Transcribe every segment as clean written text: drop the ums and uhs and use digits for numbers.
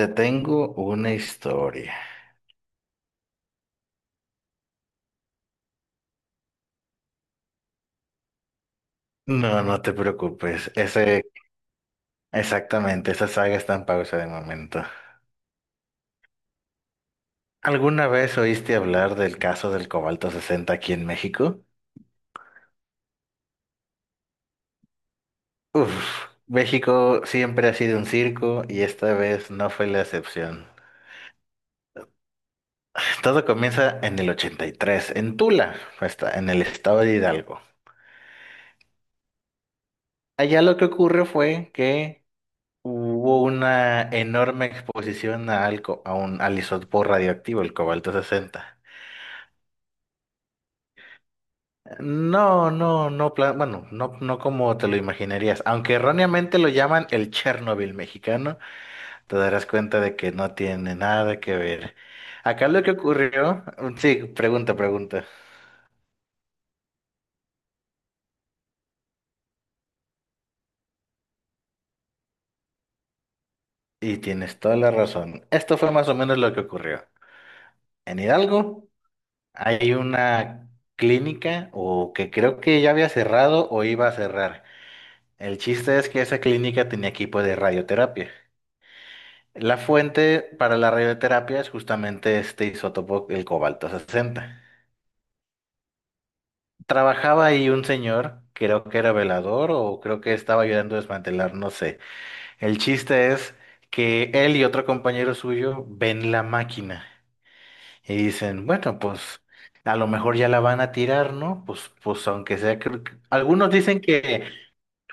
Te tengo una historia. No, no te preocupes. Exactamente, esa saga está en pausa de momento. ¿Alguna vez oíste hablar del caso del cobalto 60 aquí en México? Uf, México siempre ha sido un circo y esta vez no fue la excepción. Todo comienza en el 83 en Tula, está en el estado de Hidalgo. Allá lo que ocurre fue que hubo una enorme exposición a alco- a un al isótopo radioactivo, el cobalto 60. No, no, no, bueno, no, no como te lo imaginarías. Aunque erróneamente lo llaman el Chernobyl mexicano, te darás cuenta de que no tiene nada que ver. Acá lo que ocurrió, sí, pregunta, pregunta. Y tienes toda la razón. Esto fue más o menos lo que ocurrió. En Hidalgo hay una clínica o que creo que ya había cerrado o iba a cerrar. El chiste es que esa clínica tenía equipo de radioterapia. La fuente para la radioterapia es justamente este isótopo, el cobalto 60. Trabajaba ahí un señor, creo que era velador o creo que estaba ayudando a desmantelar, no sé. El chiste es que él y otro compañero suyo ven la máquina y dicen, bueno, pues a lo mejor ya la van a tirar, ¿no? Pues, pues aunque sea, algunos dicen que.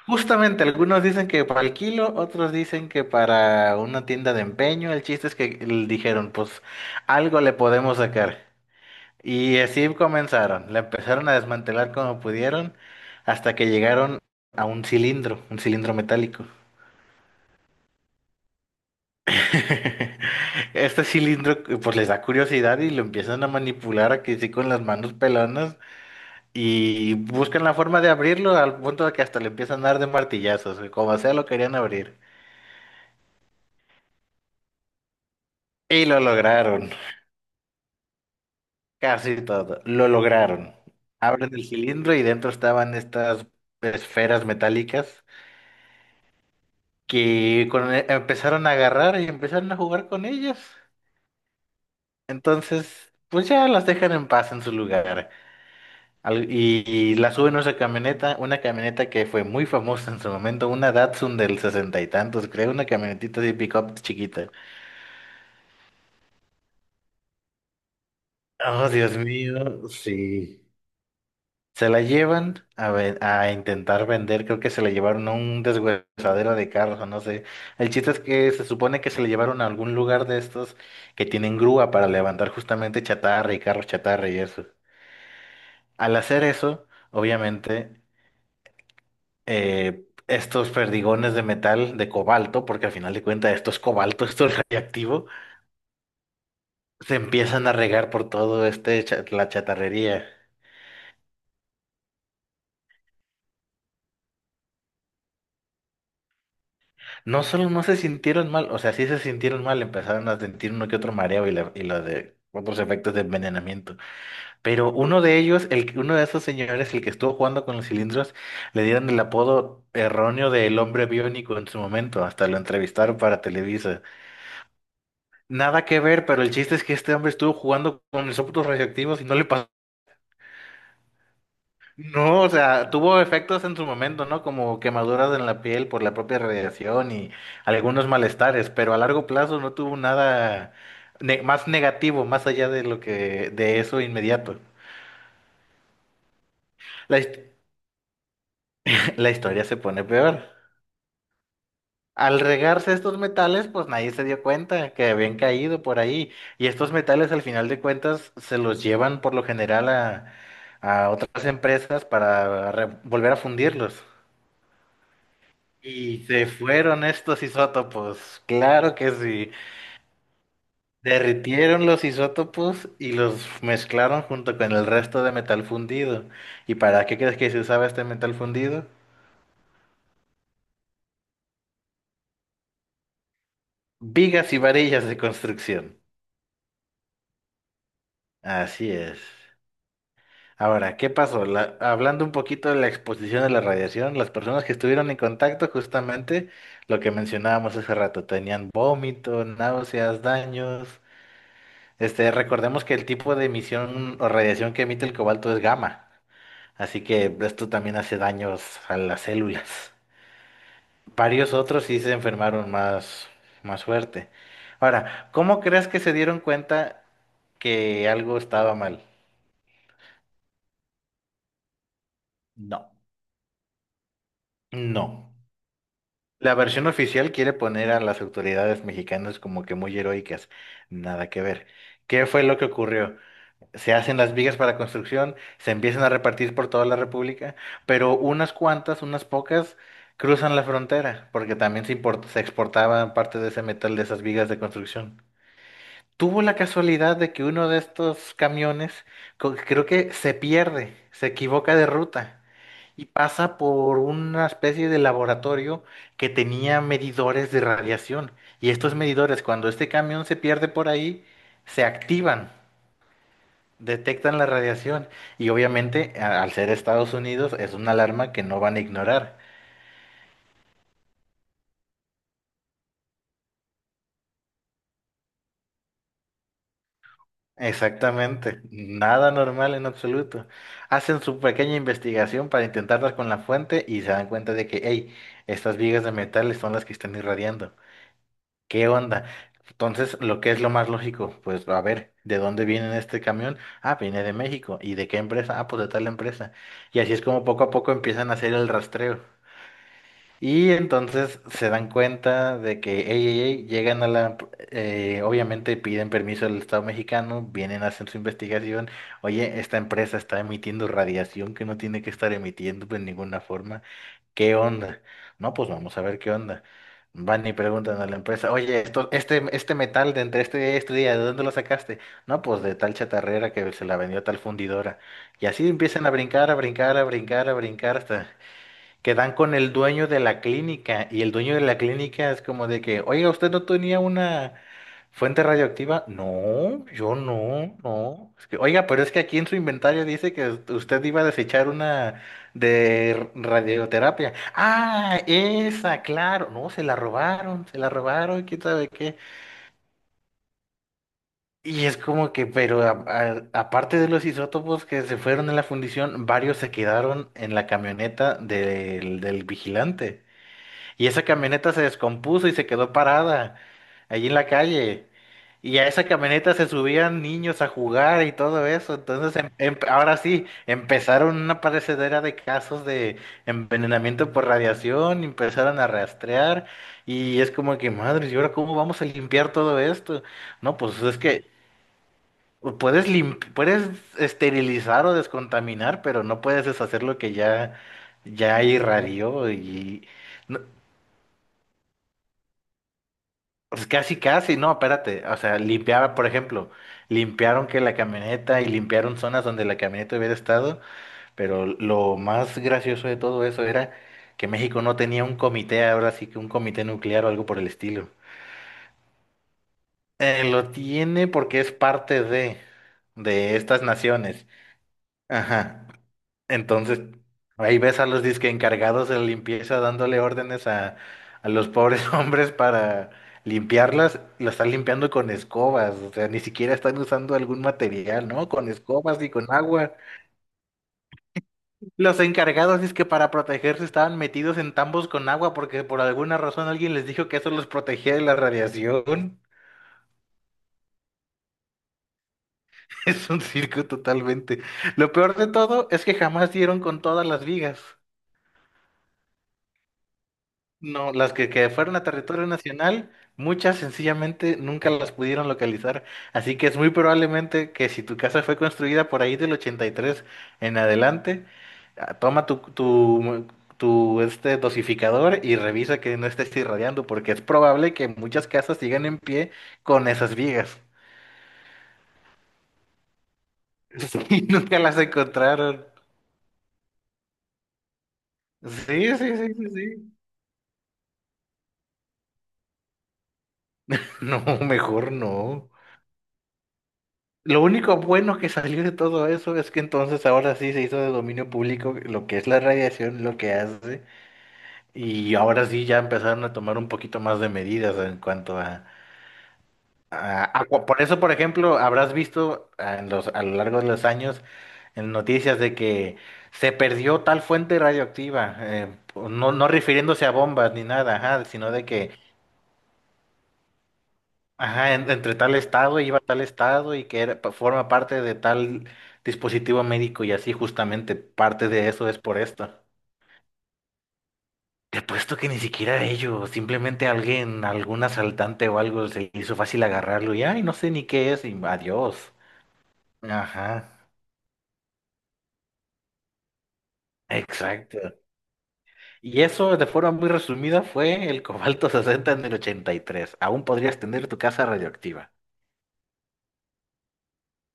Justamente, algunos dicen que para el kilo, otros dicen que para una tienda de empeño. El chiste es que dijeron, pues algo le podemos sacar. Y así comenzaron. La empezaron a desmantelar como pudieron hasta que llegaron a un cilindro metálico. Este cilindro pues les da curiosidad y lo empiezan a manipular aquí sí con las manos pelonas y buscan la forma de abrirlo al punto de que hasta le empiezan a dar de martillazos, como sea lo querían abrir. Y lo lograron. Casi todo. Lo lograron. Abren el cilindro y dentro estaban estas esferas metálicas que empezaron a agarrar y empezaron a jugar con ellas. Entonces, pues ya las dejan en paz en su lugar. Y las suben a esa camioneta, una camioneta que fue muy famosa en su momento, una Datsun del sesenta y tantos, creo, una camionetita de pick-up chiquita. Oh, Dios mío, sí. Se la llevan a, a intentar vender, creo que se la llevaron a un deshuesadero de carros o no sé. El chiste es que se supone que se la llevaron a algún lugar de estos que tienen grúa para levantar justamente chatarra y carros chatarra y eso. Al hacer eso, obviamente, estos perdigones de metal, de cobalto, porque al final de cuentas esto es cobalto, esto es radiactivo, se empiezan a regar por todo la chatarrería. No solo no se sintieron mal, o sea, sí se sintieron mal, empezaron a sentir uno que otro mareo y lo de otros efectos de envenenamiento. Pero uno de ellos, uno de esos señores, el que estuvo jugando con los cilindros, le dieron el apodo erróneo de el hombre biónico en su momento, hasta lo entrevistaron para Televisa. Nada que ver, pero el chiste es que este hombre estuvo jugando con isótopos radioactivos y no le pasó. No, o sea, tuvo efectos en su momento, ¿no? Como quemaduras en la piel por la propia radiación y algunos malestares, pero a largo plazo no tuvo nada más negativo, más allá de lo que de eso inmediato. La, his- la historia se pone peor. Al regarse estos metales, pues nadie se dio cuenta que habían caído por ahí. Y estos metales, al final de cuentas, se los llevan por lo general a otras empresas para volver a fundirlos. Y se fueron estos isótopos, claro que sí. Derritieron los isótopos y los mezclaron junto con el resto de metal fundido. ¿Y para qué crees que se usaba este metal fundido? Vigas y varillas de construcción. Así es. Ahora, ¿qué pasó? Hablando un poquito de la exposición de la radiación, las personas que estuvieron en contacto, justamente lo que mencionábamos hace rato, tenían vómito, náuseas, daños. Este, recordemos que el tipo de emisión o radiación que emite el cobalto es gamma, así que esto también hace daños a las células. Varios otros sí se enfermaron más, más fuerte. Ahora, ¿cómo crees que se dieron cuenta que algo estaba mal? No. No. La versión oficial quiere poner a las autoridades mexicanas como que muy heroicas. Nada que ver. ¿Qué fue lo que ocurrió? Se hacen las vigas para construcción, se empiezan a repartir por toda la República, pero unas cuantas, unas pocas, cruzan la frontera, porque también se se exportaba parte de ese metal de esas vigas de construcción. Tuvo la casualidad de que uno de estos camiones, creo que se pierde, se equivoca de ruta y pasa por una especie de laboratorio que tenía medidores de radiación. Y estos medidores, cuando este camión se pierde por ahí, se activan. Detectan la radiación y obviamente al ser Estados Unidos es una alarma que no van a ignorar. Exactamente, nada normal en absoluto. Hacen su pequeña investigación para intentar dar con la fuente y se dan cuenta de que, hey, estas vigas de metales son las que están irradiando. ¿Qué onda? Entonces, lo que es lo más lógico, pues a ver, ¿de dónde viene este camión? Ah, viene de México. ¿Y de qué empresa? Ah, pues de tal empresa. Y así es como poco a poco empiezan a hacer el rastreo. Y entonces se dan cuenta de que, ey, ey, ey, llegan a la, obviamente piden permiso al Estado mexicano, vienen, hacen su investigación, oye, esta empresa está emitiendo radiación que no tiene que estar emitiendo de ninguna forma, ¿qué onda? No, pues vamos a ver qué onda. Van y preguntan a la empresa, oye, esto, este metal de entre este día y este día, ¿de dónde lo sacaste? No, pues de tal chatarrera que se la vendió a tal fundidora. Y así empiezan a brincar, a brincar, a brincar, a brincar hasta... Quedan con el dueño de la clínica y el dueño de la clínica es como de que, oiga, ¿usted no tenía una fuente radioactiva? No, yo no, no. Es que, oiga, pero es que aquí en su inventario dice que usted iba a desechar una de radioterapia. Ah, esa, claro. No, se la robaron, quién sabe qué. Y es como que, pero aparte de los isótopos que se fueron en la fundición, varios se quedaron en la camioneta del vigilante. Y esa camioneta se descompuso y se quedó parada allí en la calle. Y a esa camioneta se subían niños a jugar y todo eso. Entonces, ahora sí, empezaron una parecedera de casos de envenenamiento por radiación, empezaron a rastrear y es como que, madre, ¿y ahora cómo vamos a limpiar todo esto? No, pues es que puedes esterilizar o descontaminar, pero no puedes deshacer lo que ya, ya irradió y... no, pues casi, casi, no, espérate. O sea, limpiaba, por ejemplo, limpiaron que la camioneta y limpiaron zonas donde la camioneta hubiera estado, pero lo más gracioso de todo eso era que México no tenía un comité, ahora sí que un comité nuclear o algo por el estilo. Lo tiene porque es parte de estas naciones. Ajá. Entonces, ahí ves a los disque encargados de la limpieza dándole órdenes a los pobres hombres para limpiarlas, las están limpiando con escobas, o sea, ni siquiera están usando algún material, ¿no? Con escobas y con agua. Los encargados es que para protegerse estaban metidos en tambos con agua porque por alguna razón alguien les dijo que eso los protegía de la radiación. Es un circo totalmente. Lo peor de todo es que jamás dieron con todas las vigas. No, las que fueron a territorio nacional, muchas sencillamente nunca las pudieron localizar. Así que es muy probablemente que si tu casa fue construida por ahí del 83 en adelante, ah, toma tu, tu, tu este dosificador y revisa que no estés irradiando, porque es probable que muchas casas sigan en pie con esas vigas. Y nunca las encontraron. Sí, sí, sí, sí, sí. No, mejor no. Lo único bueno que salió de todo eso es que entonces ahora sí se hizo de dominio público lo que es la radiación, lo que hace, y ahora sí ya empezaron a tomar un poquito más de medidas en cuanto a, por eso, por ejemplo, habrás visto ah, en los, a lo largo de los años en noticias de que se perdió tal fuente radioactiva, no, no refiriéndose a bombas ni nada, ajá, sino de que. Ajá, entre tal estado iba a tal estado y que forma parte de tal dispositivo médico y así justamente parte de eso es por esto. Te apuesto que ni siquiera ellos, simplemente alguien, algún asaltante o algo se le hizo fácil agarrarlo y ay, no sé ni qué es y adiós. Ajá, exacto. Y eso de forma muy resumida fue el cobalto 60 en el 83. Aún podrías tener tu casa radioactiva.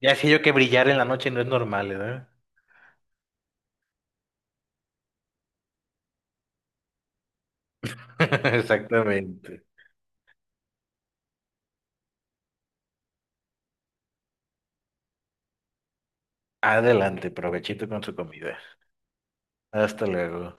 Ya sé yo que brillar en la noche no es normal, ¿verdad? Exactamente. Adelante, provechito con su comida. Hasta luego.